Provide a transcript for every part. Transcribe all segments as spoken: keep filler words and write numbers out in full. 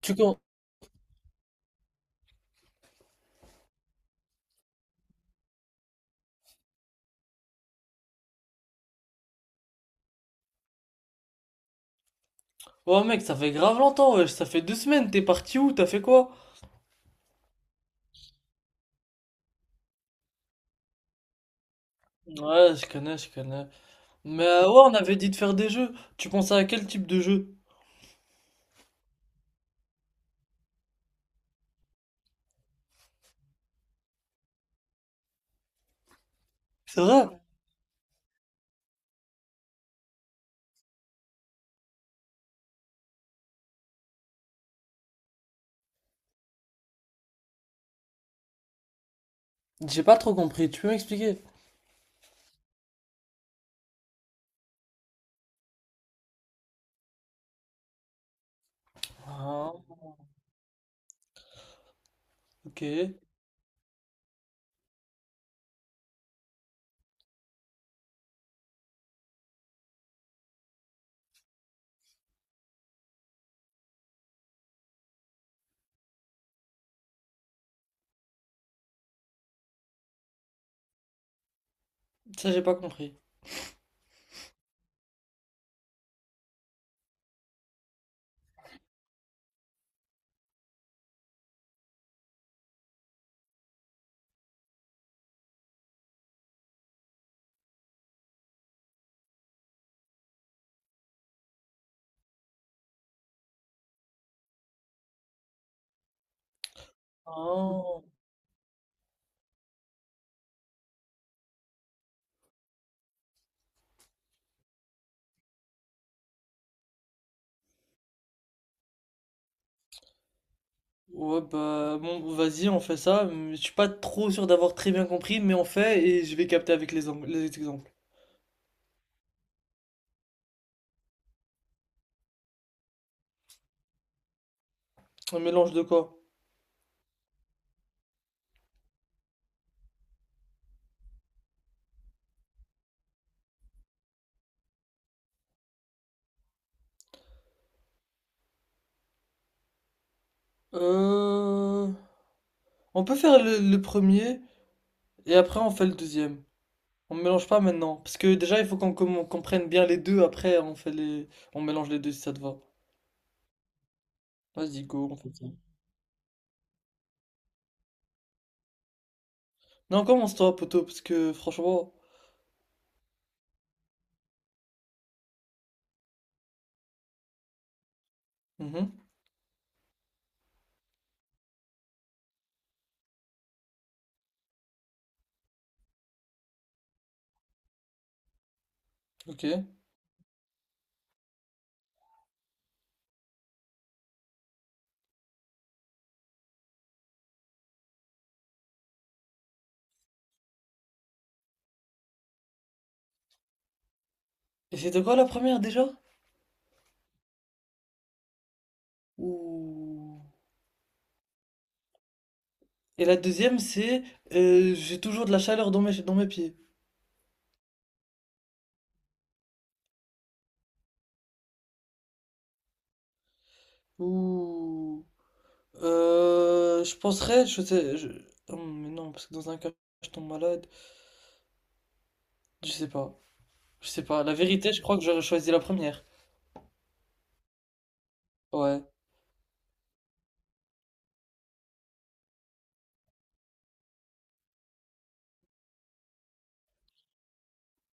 Tu con... Ouais mec, ça fait grave longtemps, wesh. Ça fait deux semaines, t'es parti où? T'as fait quoi? Ouais, je connais, je connais. Mais euh, ouais, on avait dit de faire des jeux. Tu pensais à quel type de jeu? C'est vrai? J'ai pas trop compris, tu peux m'expliquer? Ah, ok. Ça, j'ai pas compris. Ah, ouais, bah, bon, vas-y, on fait ça. Mais je suis pas trop sûr d'avoir très bien compris, mais on fait et je vais capter avec les, ang- les exemples. Un mélange de quoi? Euh... On peut faire le le premier et après on fait le deuxième. On mélange pas maintenant. Parce que déjà, il faut qu'on commen- qu'on prenne bien les deux. Après, on fait les... on mélange les deux si ça te va. Vas-y, go, on fait ça. Non, commence toi, poteau, parce que franchement. Mhm, ok. Et c'était quoi la première déjà? Ouh. Et la deuxième, c'est euh, j'ai toujours de la chaleur dans mes, dans mes pieds. Ouh. Euh, je penserais, je sais. je- Hum, mais non, parce que dans un cas, je tombe malade. Je sais pas. Je sais pas. La vérité, je crois que j'aurais choisi la première. Ouais.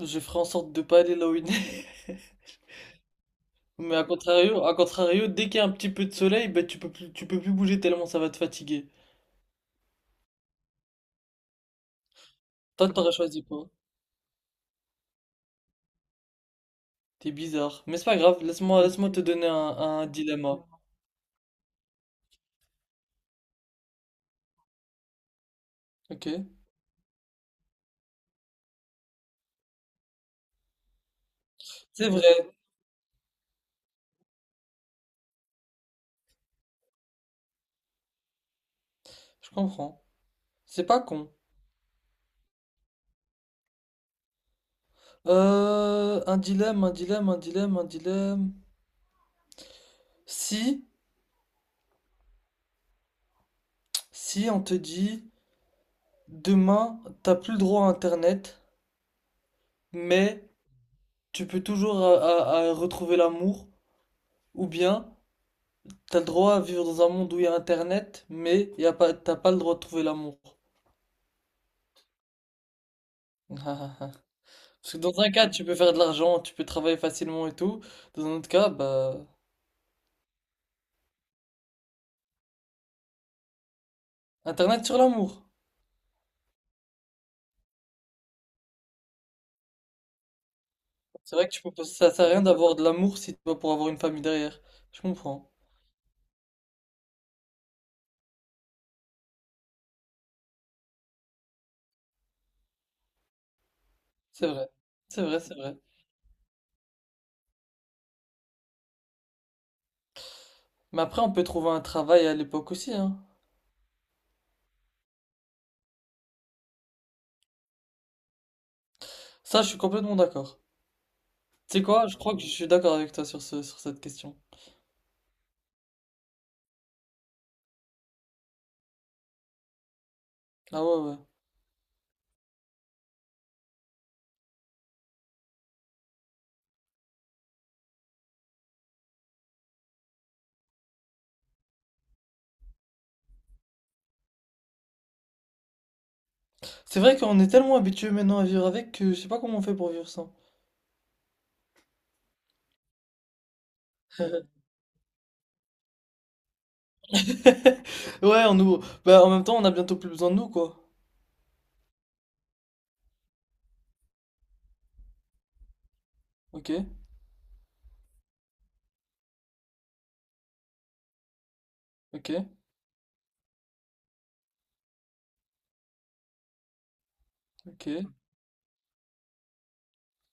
Je ferai en sorte de pas aller là où il neige. Mais à contrario, à contrario, dès qu'il y a un petit peu de soleil, bah, tu peux plus, tu peux plus bouger tellement ça va te fatiguer. Toi, t'aurais choisi quoi? T'es bizarre. Mais c'est pas grave, laisse-moi, laisse-moi te donner un, un dilemme. Ok? C'est vrai, je comprends. C'est pas con. Euh, un dilemme, un dilemme, un dilemme, un dilemme. Si, si on te dit, demain, t'as plus le droit à Internet, mais tu peux toujours à- à- à retrouver l'amour, ou bien t'as le droit à vivre dans un monde où il y a Internet, mais y a pas, t'as pas le droit de trouver l'amour. Parce que dans un cas, tu peux faire de l'argent, tu peux travailler facilement et tout. Dans un autre cas, bah, Internet sur l'amour. C'est vrai que tu peux pas, ça sert à rien d'avoir de l'amour si tu vas pour avoir une famille derrière. Je comprends. C'est vrai. C'est vrai, c'est vrai. Mais après, on peut trouver un travail à l'époque aussi, hein. Ça, je suis complètement d'accord. Tu sais quoi? Je crois que je suis d'accord avec toi sur ce, sur cette question. Ah ouais, ouais. C'est vrai qu'on est tellement habitué maintenant à vivre avec que je sais pas comment on fait pour vivre ça. Ouais, on nous. Bah, en même temps, on a bientôt plus besoin de nous, quoi. Ok, ok, ok.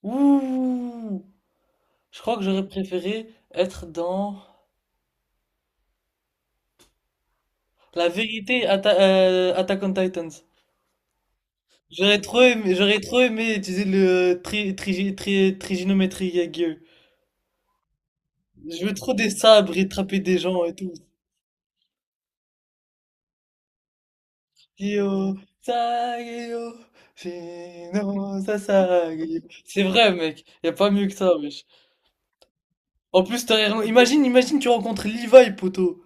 Ouh! Je crois que j'aurais préféré être dans la vérité Atta euh, Attack on Titans. J'aurais trop aimé, j'aurais trop aimé utiliser le tri tri tri triginométrie Yagyu. Je veux trop des sabres et attraper des gens et tout. Yo, sageyo, shino sasageyo. C'est vrai, mec. Y a pas mieux que ça, wesh. En plus, t'as rien- imagine, imagine, tu rencontres Levi, poteau.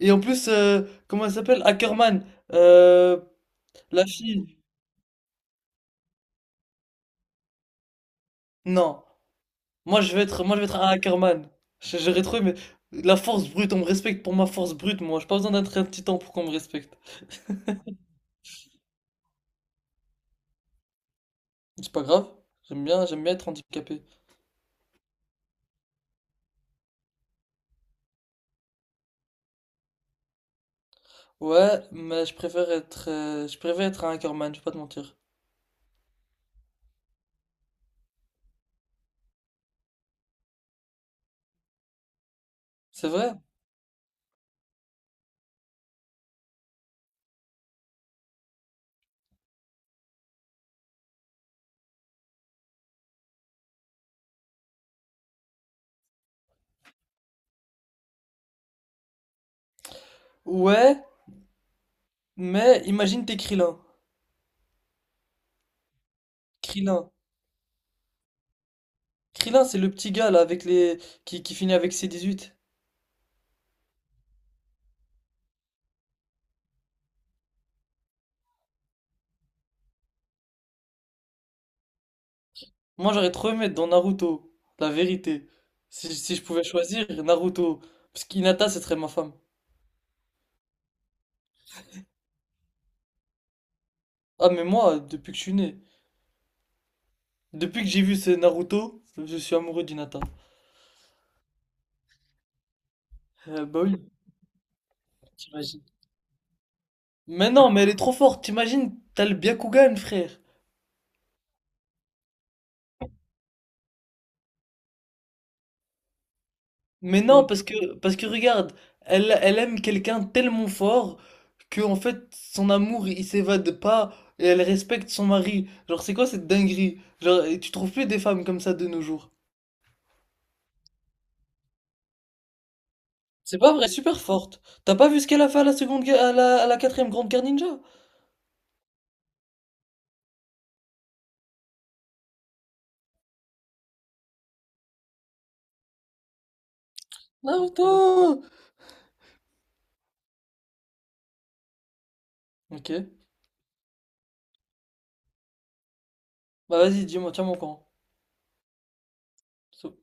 Et en plus, euh, comment elle s'appelle? Ackerman. Euh, la fille. Non. Moi, je vais être, moi, je vais être un Ackerman. Je- J'aurais trouvé, mais la force brute, on me respecte pour ma force brute, moi. J'ai pas besoin d'être un titan pour qu'on me respecte. C'est pas grave. J'aime bien, j'aime bien être handicapé. Ouais, mais je préfère être, euh, je préfère être un Ackerman, je vais pas te mentir. C'est vrai? Ouais, mais imagine t'es Krillin. Krillin. Krillin, c'est le petit gars, là, avec les, qui, qui finit avec c huit. Moi, j'aurais trop aimé être dans Naruto, la vérité. Si, si je pouvais choisir Naruto, parce qu'Hinata, ce serait ma femme. Ah, mais moi, depuis que je suis né, depuis que j'ai vu ce Naruto, je suis amoureux d'Hinata. Euh, bah oui, t'imagines. Mais non, mais elle est trop forte, t'imagines, t'as le Byakugan, frère. Mais non, oui. Parce que, parce que regarde, elle, elle aime quelqu'un tellement fort que, en fait, son amour, il s'évade pas et elle respecte son mari. Genre, c'est quoi cette dinguerie? Genre, et tu trouves plus des femmes comme ça de nos jours. C'est pas vrai, super forte. T'as pas vu ce qu'elle a fait à la seconde guerre, à la, à la quatrième grande guerre ninja? Naruto! Ok. Bah vas-y, dis-moi, tiens mon camp. So,